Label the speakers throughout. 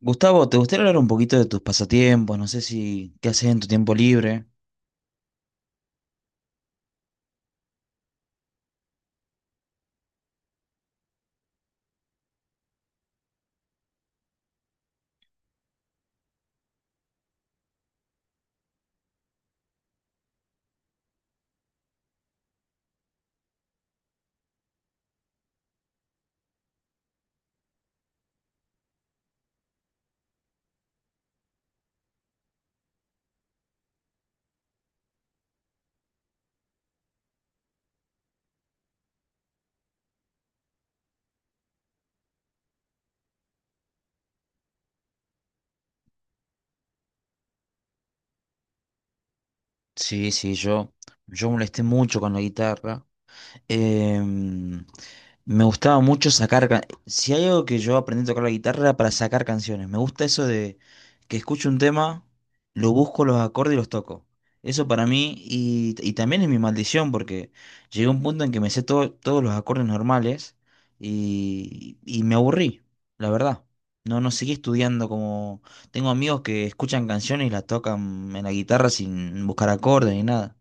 Speaker 1: Gustavo, ¿te gustaría hablar un poquito de tus pasatiempos? No sé si qué haces en tu tiempo libre. Sí, sí, yo molesté mucho con la guitarra. Em, Me gustaba mucho sacar... Si hay algo que yo aprendí a tocar la guitarra era para sacar canciones. Me gusta eso de que escucho un tema, lo busco los acordes y los toco. Eso para mí y también es mi maldición porque llegué a un punto en que me sé todos los acordes normales y me aburrí, la verdad. No, no seguí estudiando como... Tengo amigos que escuchan canciones y las tocan en la guitarra sin buscar acordes ni nada.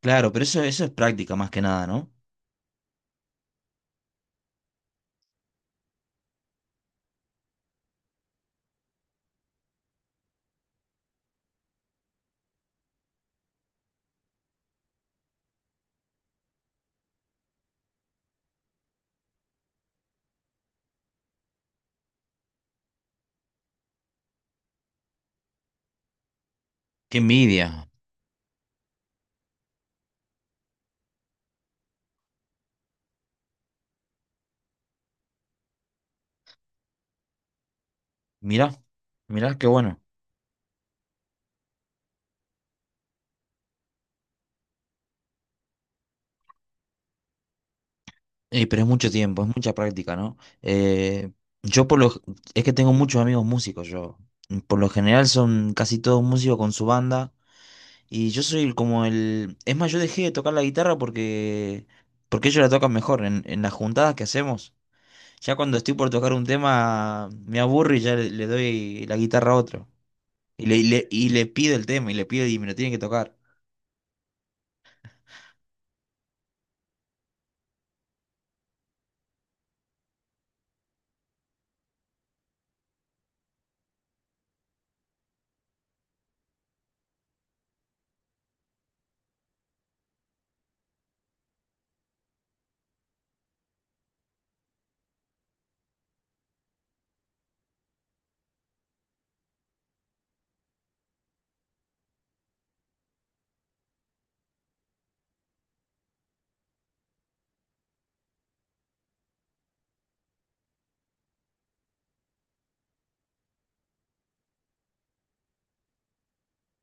Speaker 1: Claro, pero eso es práctica más que nada, ¿no? Qué envidia. Mirá, mirá, qué bueno. Pero es mucho tiempo, es mucha práctica, ¿no? Yo por lo... Es que tengo muchos amigos músicos, yo. Por lo general son casi todos músicos con su banda. Y yo soy como el... Es más, yo dejé de tocar la guitarra porque... Porque ellos la tocan mejor en las juntadas que hacemos. Ya cuando estoy por tocar un tema, me aburro y ya le doy la guitarra a otro. Y y le pido el tema, y le pido y me lo tienen que tocar.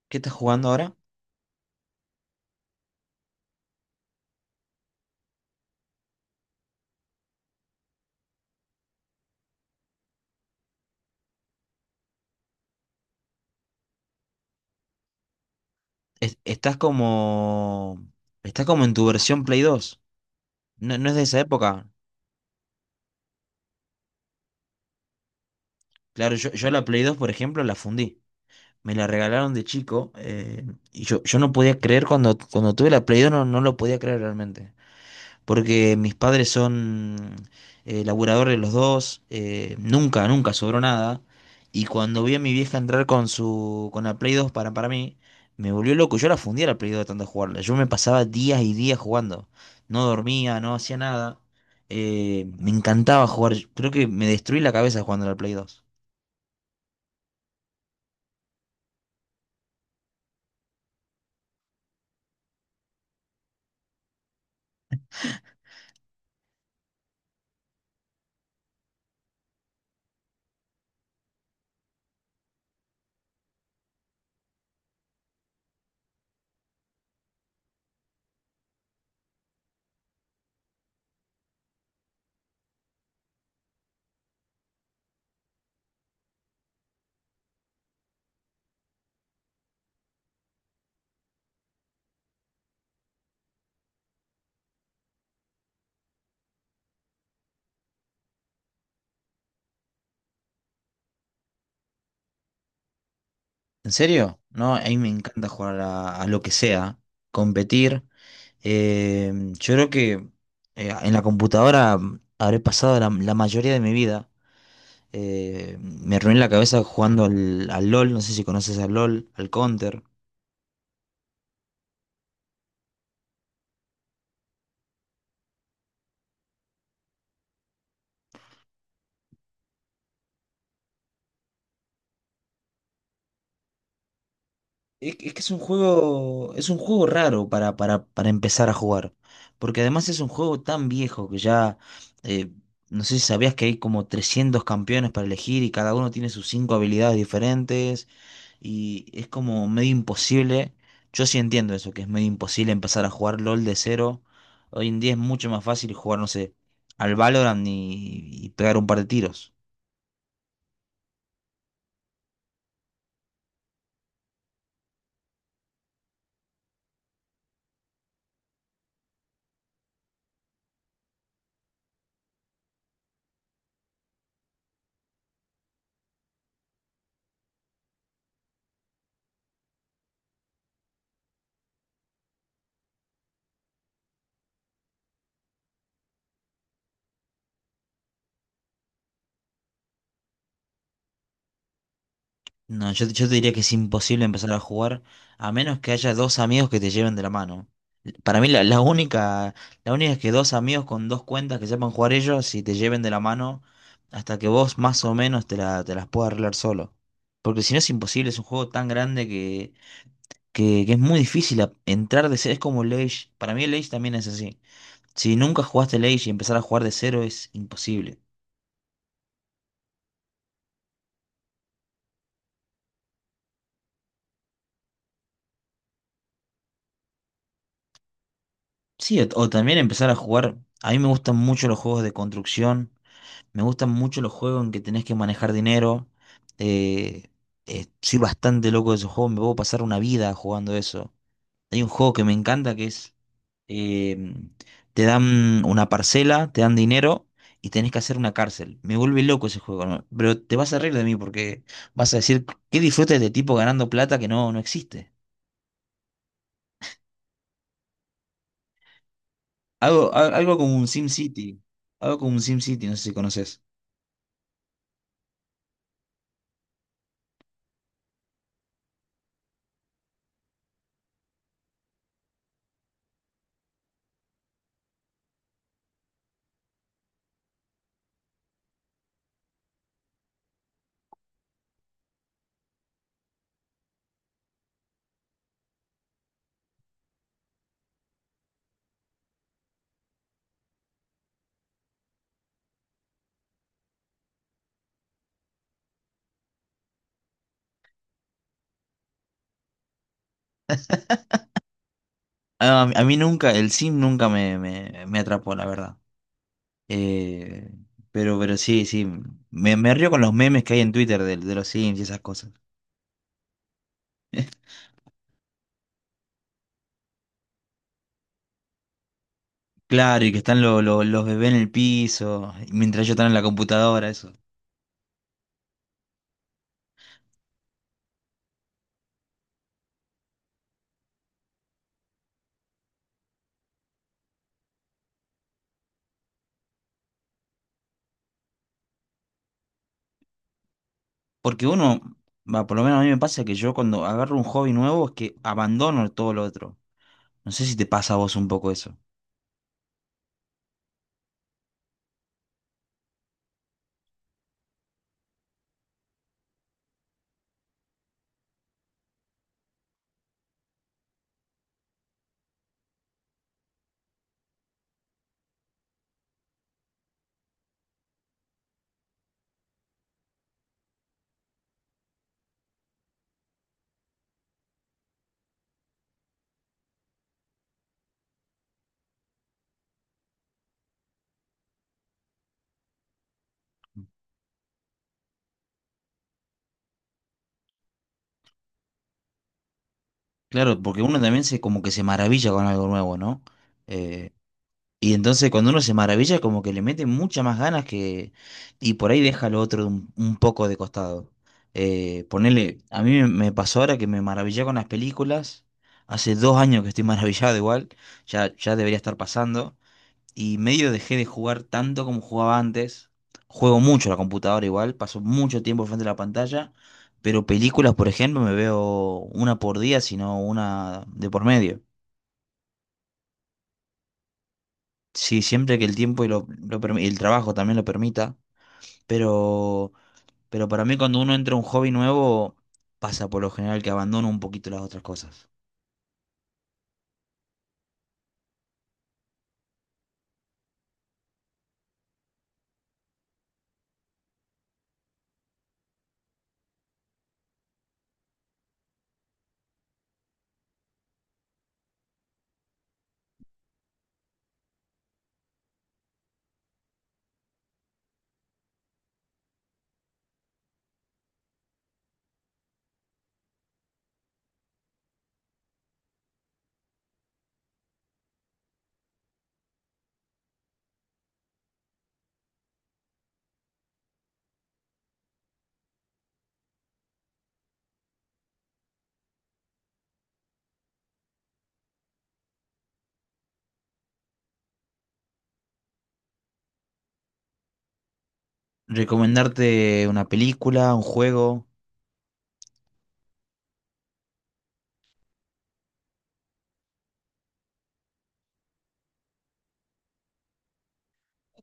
Speaker 1: ¿Qué estás jugando ahora? es- estás como. Estás como en tu versión Play dos. No, no es de esa época. Claro, yo la Play 2 por ejemplo, la fundí. Me la regalaron de chico. Y yo no podía creer cuando tuve la Play 2 no, no lo podía creer realmente, porque mis padres son laburadores los dos, nunca, nunca sobró nada. Y cuando vi a mi vieja entrar con su, con la Play 2 para mí, me volvió loco. Yo la fundía la Play 2 de tanto jugarla. Yo me pasaba días y días jugando. No dormía, no hacía nada. Me encantaba jugar. Creo que me destruí la cabeza jugando a la Play 2. ¿En serio? No, a mí me encanta jugar a lo que sea, competir. Eh, yo creo que en la computadora mm, habré pasado la mayoría de mi vida. Me reuní la cabeza jugando al LOL, no sé si conoces al LOL, al Counter. Es, que es que es un juego raro para, para empezar a jugar. Porque además es un juego tan viejo que ya, eh, no sé si sabías que hay como 300 campeones para elegir y cada uno tiene sus cinco habilidades diferentes. Y es como medio imposible. Yo sí entiendo eso, que es medio imposible empezar a jugar LOL de cero. Hoy en día es mucho más fácil jugar, no sé, al Valorant y pegar un par de tiros. No, yo te diría que es imposible empezar a jugar a menos que haya dos amigos que te lleven de la mano. Para mí la única es que dos amigos con dos cuentas que sepan jugar ellos y te lleven de la mano hasta que vos más o menos te las puedas arreglar solo. Porque si no es imposible, es un juego tan grande que es muy difícil entrar de cero. Es como el Age. Para mí el Age también es así. Si nunca jugaste el Age y empezar a jugar de cero es imposible. Sí, o también empezar a jugar. A mí me gustan mucho los juegos de construcción. Me gustan mucho los juegos en que tenés que manejar dinero. eh, Soy bastante loco de esos juegos. Me puedo pasar una vida jugando eso. Hay un juego que me encanta que es, eh, te dan una parcela, te dan dinero y tenés que hacer una cárcel. Me vuelve loco ese juego, ¿no? Pero te vas a reír de mí porque vas a decir, ¿qué disfruta este tipo ganando plata que no, no existe? Algo, algo como un Sim City, algo como un Sim City, no sé si conoces. Ah, a mí nunca, el Sim nunca me atrapó, la verdad. Eh, pero sí, sí, me río con los memes que hay en Twitter de los Sims y esas cosas. Claro, y que están los bebés en el piso, y mientras yo están en la computadora, eso. Porque uno, va, por lo menos a mí me pasa que yo cuando agarro un hobby nuevo es que abandono todo lo otro. No sé si te pasa a vos un poco eso. Claro, porque uno también se como que se maravilla con algo nuevo, ¿no? Y entonces cuando uno se maravilla, como que le mete muchas más ganas que... Y por ahí deja lo otro un poco de costado. Ponele, a mí me pasó ahora que me maravillé con las películas. Hace dos años que estoy maravillado igual. Ya, ya debería estar pasando. Y medio dejé de jugar tanto como jugaba antes. Juego mucho a la computadora igual. Paso mucho tiempo frente a la pantalla. Pero películas, por ejemplo, me veo una por día, sino una de por medio. Sí, siempre que el tiempo y y el trabajo también lo permita, pero, pero para mí cuando uno entra a un hobby nuevo, pasa por lo general que abandona un poquito las otras cosas. Recomendarte una película, un juego,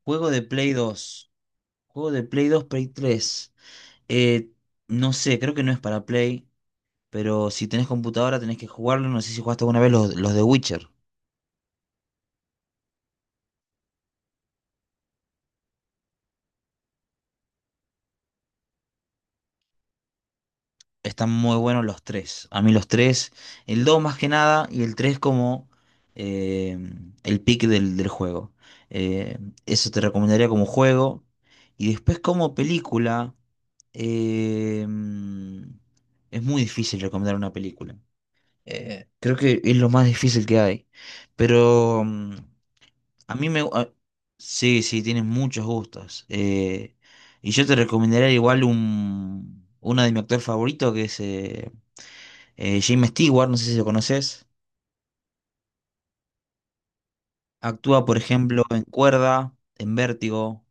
Speaker 1: juego de Play dos, juego de Play dos, Play tres. Eh, no sé, creo que no es para Play, pero si tenés computadora tenés que jugarlo, no sé si jugaste alguna vez los de Witcher. Están muy buenos los tres. A mí los tres, el 2 más que nada y el 3 como eh, el pick del, del juego. Eh, Eso te recomendaría como juego. Y después como película, eh, es muy difícil recomendar una película. Creo que es lo más difícil que hay. Pero mm, a mí me... sí, sí, tienes muchos gustos. Y yo te recomendaría igual un, uno de mi actor favorito que es... James Stewart, no sé si lo conoces, actúa, por ejemplo, en Cuerda, en Vértigo,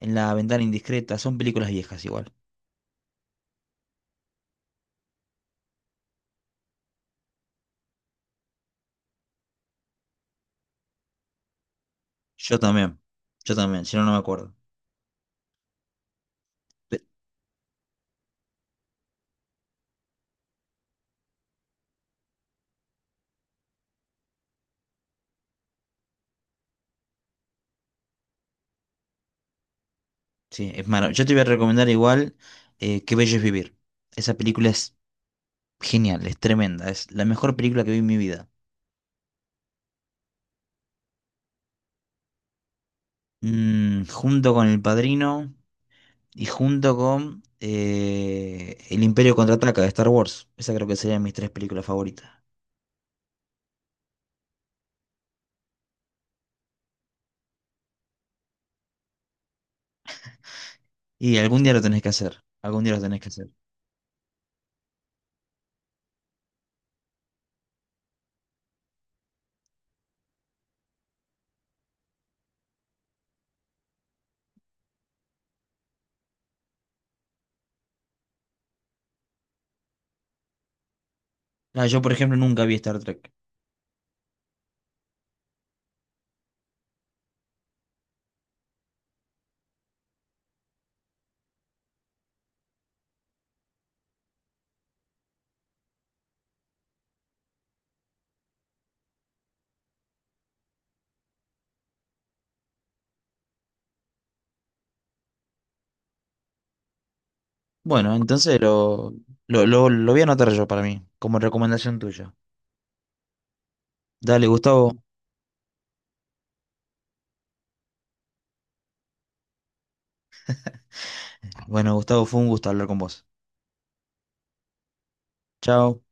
Speaker 1: en La Ventana Indiscreta, son películas viejas igual. Yo también, yo también, si no, no me acuerdo. Pe- Sí, es malo. Yo te voy a recomendar igual Qué bello es vivir. Esa película es genial, es tremenda, es la mejor película que vi en mi vida. Mm, junto con El Padrino y junto con El Imperio Contraataca de Star Wars. Esa creo que serían mis tres películas favoritas. Y algún día lo tenés que hacer, algún día lo tenés que hacer. Ah, yo, por ejemplo, nunca vi Star Trek. Bueno, entonces lo voy a anotar yo para mí, como recomendación tuya. Dale, Gustavo. Bueno, Gustavo, fue un gusto hablar con vos. Chao.